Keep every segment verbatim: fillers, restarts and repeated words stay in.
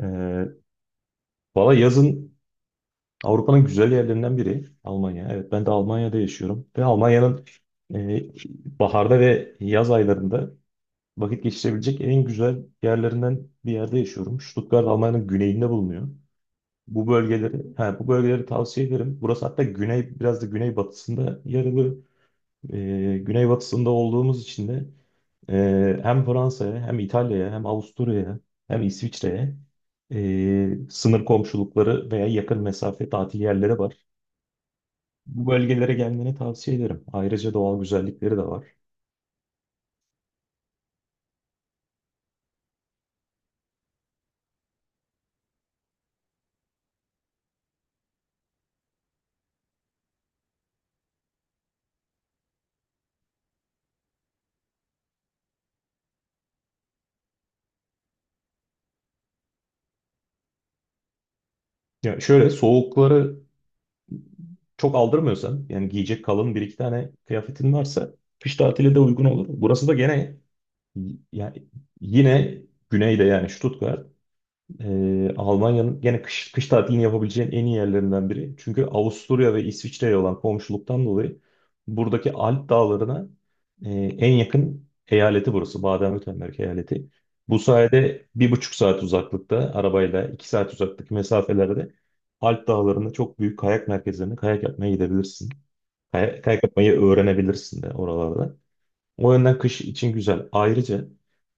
Ee, Valla yazın Avrupa'nın güzel yerlerinden biri Almanya. Evet ben de Almanya'da yaşıyorum ve Almanya'nın e, baharda ve yaz aylarında vakit geçirebilecek en güzel yerlerinden bir yerde yaşıyorum. Stuttgart Almanya'nın güneyinde bulunuyor. Bu bölgeleri, ha, bu bölgeleri tavsiye ederim. Burası hatta güney, biraz da güneybatısında yer alıyor. Ee, güneybatısında olduğumuz için de Ee, hem Fransa'ya hem İtalya'ya hem Avusturya'ya hem İsviçre'ye ee, sınır komşulukları veya yakın mesafe tatil yerleri var. Bu bölgelere gelmeni tavsiye ederim. Ayrıca doğal güzellikleri de var. Ya şöyle soğukları çok aldırmıyorsan yani giyecek kalın bir iki tane kıyafetin varsa kış tatili de uygun olur. Burası da gene yani yine güneyde yani Stuttgart Ee, Almanya'nın gene kış, kış tatilini yapabileceğin en iyi yerlerinden biri. Çünkü Avusturya ve İsviçre'ye olan komşuluktan dolayı buradaki Alp dağlarına e, en yakın eyaleti burası. Baden-Württemberg eyaleti. Bu sayede bir buçuk saat uzaklıkta arabayla iki saat uzaklık mesafelerde Alp dağlarında çok büyük kayak merkezlerine kayak yapmaya gidebilirsin. Kayak, kayak yapmayı öğrenebilirsin de oralarda. O yönden kış için güzel. Ayrıca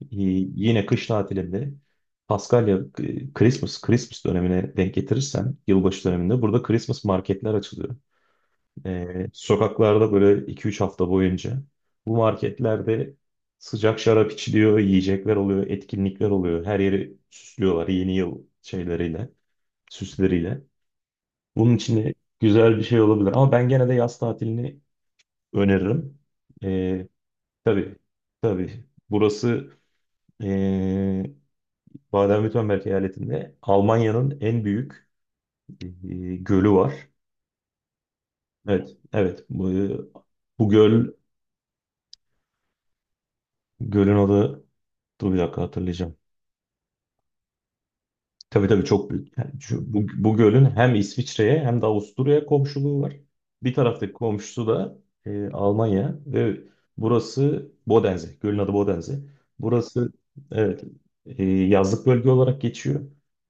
e, yine kış tatilinde Paskalya e, Christmas, Christmas dönemine denk getirirsen yılbaşı döneminde burada Christmas marketler açılıyor. E, sokaklarda böyle iki üç hafta boyunca bu marketlerde sıcak şarap içiliyor, yiyecekler oluyor, etkinlikler oluyor. Her yeri süslüyorlar yeni yıl şeyleriyle, süsleriyle. Bunun için de güzel bir şey olabilir. Ama ben gene de yaz tatilini öneririm. E, tabii, tabii. Burası ee, Baden-Württemberg eyaletinde Almanya'nın en büyük e, gölü var. Evet, evet. Bu, bu göl, gölün adı, dur bir dakika hatırlayacağım. Tabii tabii çok büyük. Yani şu- bu, bu gölün hem İsviçre'ye hem de Avusturya'ya komşuluğu var. Bir taraftaki komşusu da e, Almanya ve burası Bodense. Gölün adı Bodense. Burası evet e, yazlık bölge olarak geçiyor.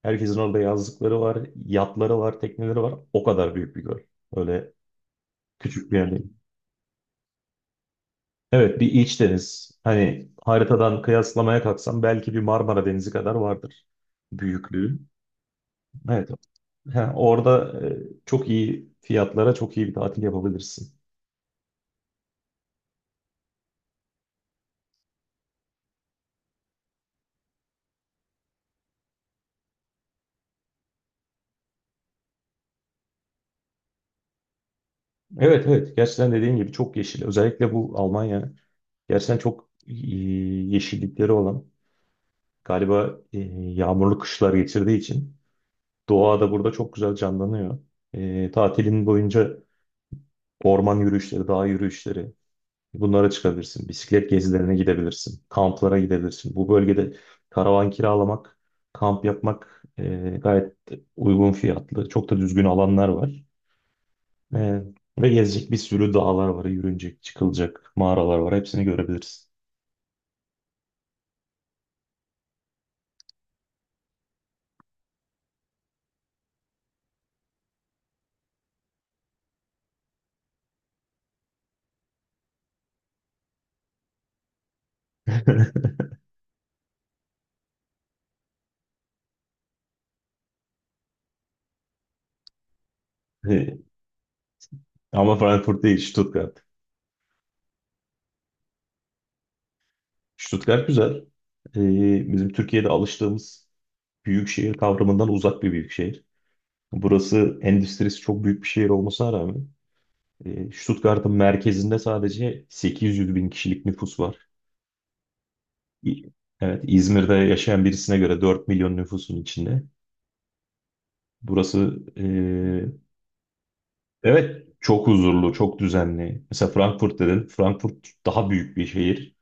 Herkesin orada yazlıkları var, yatları var, tekneleri var. O kadar büyük bir göl. Öyle küçük bir yer değil. Evet bir iç deniz. Hani haritadan kıyaslamaya kalksam belki bir Marmara Denizi kadar vardır büyüklüğü. Evet. Ha, orada e, çok iyi fiyatlara çok iyi bir tatil yapabilirsin. Evet evet gerçekten dediğin gibi çok yeşil. Özellikle bu Almanya gerçekten çok e, yeşillikleri olan galiba e, yağmurlu kışlar geçirdiği için doğa da burada çok güzel canlanıyor. E, tatilin boyunca orman yürüyüşleri, dağ yürüyüşleri bunlara çıkabilirsin. Bisiklet gezilerine gidebilirsin. Kamplara gidebilirsin. Bu bölgede karavan kiralamak, kamp yapmak e, gayet uygun fiyatlı. Çok da düzgün alanlar var. Evet. Ve gezecek bir sürü dağlar var, yürünecek, çıkılacak mağaralar var. Hepsini görebiliriz. Ee, Ama Frankfurt değil, Stuttgart. Stuttgart güzel. Ee, bizim Türkiye'de alıştığımız büyük şehir kavramından uzak bir büyük şehir. Burası endüstrisi çok büyük bir şehir olmasına rağmen e, Stuttgart'ın merkezinde sadece sekiz yüz bin kişilik nüfus var. İ- Evet, İzmir'de yaşayan birisine göre dört milyon nüfusun içinde. Burası e, Evet, çok huzurlu, çok düzenli. Mesela Frankfurt dedin. Frankfurt daha büyük bir şehir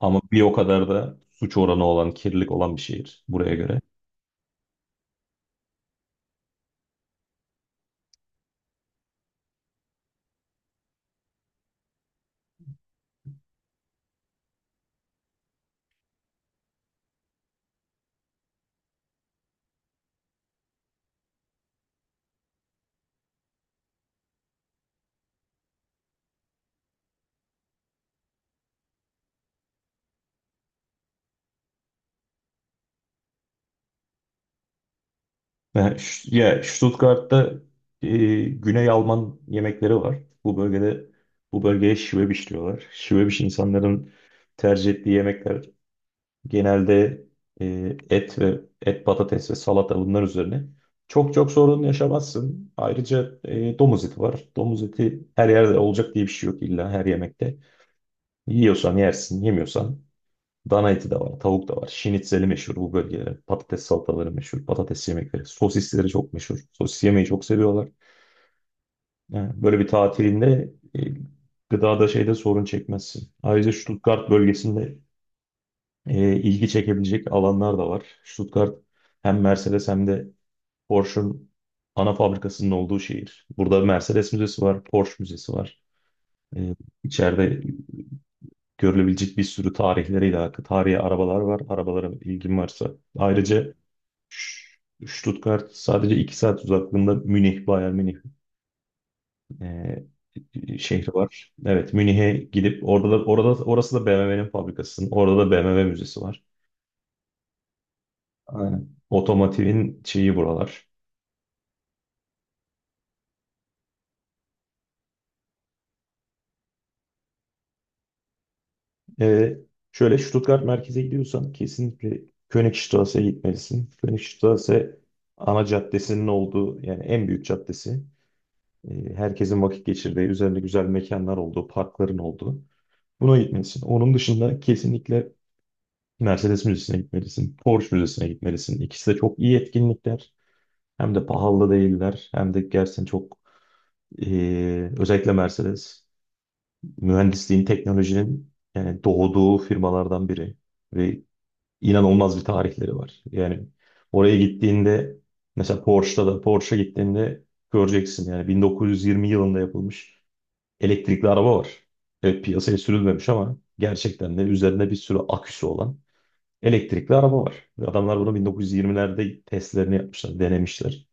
ama bir o kadar da suç oranı olan, kirlilik olan bir şehir buraya göre. Ben Ş- ya Stuttgart'ta e, Güney Alman yemekleri var. Bu bölgede Bu bölgeye Schwäbisch diyorlar. Schwäbisch insanların tercih ettiği yemekler genelde e, et ve et patates ve salata bunlar üzerine. Çok çok sorun yaşamazsın. Ayrıca e, domuz eti var. Domuz eti her yerde olacak diye bir şey yok illa her yemekte. Yiyorsan yersin, yemiyorsan Dana eti de var, tavuk da var. Şinitzeli meşhur bu bölgeler. Patates salataları meşhur, patates yemekleri. Sosisleri çok meşhur. Sosis yemeyi çok seviyorlar. Yani böyle bir tatilinde e, gıdada şeyde sorun çekmezsin. Ayrıca Stuttgart bölgesinde e, ilgi çekebilecek alanlar da var. Stuttgart hem Mercedes hem de Porsche'un ana fabrikasının olduğu şehir. Burada Mercedes Müzesi var, Porsche Müzesi var. E, İçeride görülebilecek bir sürü tarihleriyle, tarihi arabalar var. Arabalara ilgin varsa. Ayrıca Stuttgart sadece iki saat uzaklığında Münih, Bayern Münih e, şehri var. Evet, Münih'e gidip orada da orada orası da B M W'nin fabrikası. Orada da B M W müzesi var. Aynen. Otomotivin şeyi buralar. E, Şöyle Stuttgart merkeze gidiyorsan kesinlikle Königstrasse'ye gitmelisin. Königstrasse ana caddesinin olduğu yani en büyük caddesi. E, herkesin vakit geçirdiği, üzerinde güzel mekanlar olduğu, parkların olduğu. Buna gitmelisin. Onun dışında kesinlikle Mercedes Müzesi'ne gitmelisin, Porsche Müzesi'ne gitmelisin. İkisi de çok iyi etkinlikler. Hem de pahalı değiller, hem de gerçekten çok eee, özellikle Mercedes mühendisliğin, teknolojinin yani doğduğu firmalardan biri ve inanılmaz bir tarihleri var. Yani oraya gittiğinde mesela Porsche'da da Porsche'a gittiğinde göreceksin yani bin dokuz yüz yirmi yılında yapılmış elektrikli araba var. Evet piyasaya sürülmemiş ama gerçekten de üzerinde bir sürü aküsü olan Elektrikli araba var. Ve Adamlar bunu bin dokuz yüz yirmilerde testlerini yapmışlar, denemişler.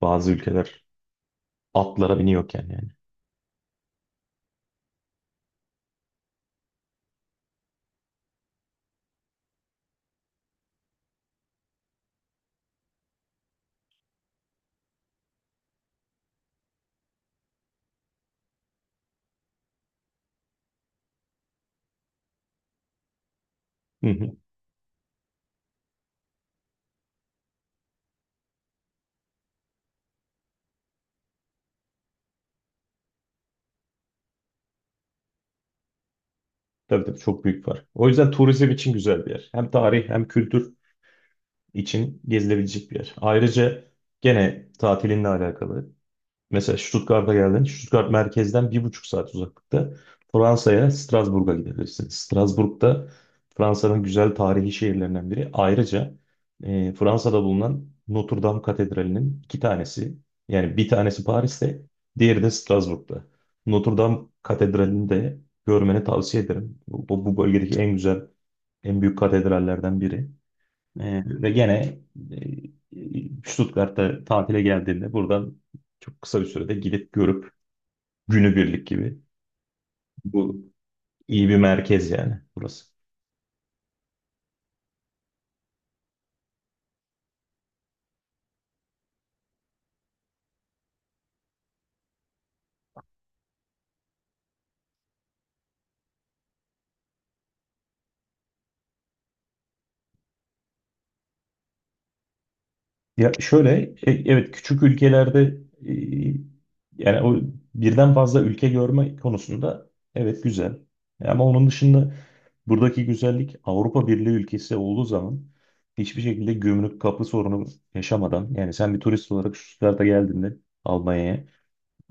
Bazı ülkeler atlara biniyorken yani. Hı hı. Tabii tabii çok büyük var. O yüzden turizm için güzel bir yer. Hem tarih hem kültür için gezilebilecek bir yer. Ayrıca gene tatilinle alakalı. Mesela Stuttgart'a geldin. Stuttgart merkezden bir buçuk saat uzaklıkta Fransa'ya, Strasbourg'a gidebilirsin. Strasbourg'da Fransa'nın güzel tarihi şehirlerinden biri. Ayrıca e, Fransa'da bulunan Notre Dame Katedrali'nin iki tanesi, yani bir tanesi Paris'te, diğeri de Strasbourg'da. Notre Dame Katedrali'ni de görmeni tavsiye ederim. Bu, bu bölgedeki en güzel, en büyük katedrallerden biri. Ee, ve gene e, Stuttgart'ta tatile geldiğimde buradan çok kısa bir sürede gidip görüp günübirlik gibi. Bu iyi bir merkez yani burası. Ya şöyle e, evet küçük ülkelerde e, yani o birden fazla ülke görme konusunda evet güzel. Ama onun dışında buradaki güzellik Avrupa Birliği ülkesi olduğu zaman hiçbir şekilde gümrük kapı sorunu yaşamadan yani sen bir turist olarak şu Stuttgart'a geldiğinde Almanya'ya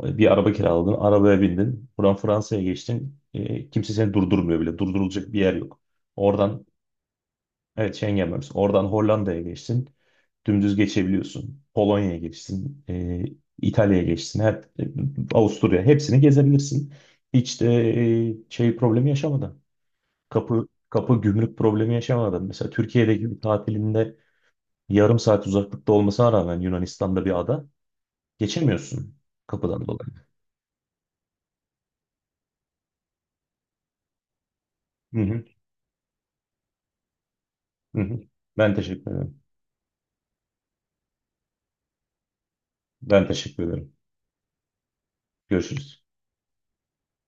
Bir araba kiraladın, arabaya bindin. Buradan Fransa'ya geçtin. E, kimse seni durdurmuyor bile. Durdurulacak bir yer yok. Oradan, evet Schengen bölgesi. Oradan Hollanda'ya geçtin. Dümdüz geçebiliyorsun. Polonya'ya geçtin. E, İtalya'ya geçtin. Her, e, Avusturya. Hepsini gezebilirsin. Hiç de e, şey problemi yaşamadan. Kapı kapı gümrük problemi yaşamadan. Mesela Türkiye'deki bir tatilinde yarım saat uzaklıkta olmasına rağmen Yunanistan'da bir ada geçemiyorsun kapıdan dolayı. Hı hı, hı hı. Ben teşekkür ederim. Ben teşekkür ederim. Görüşürüz.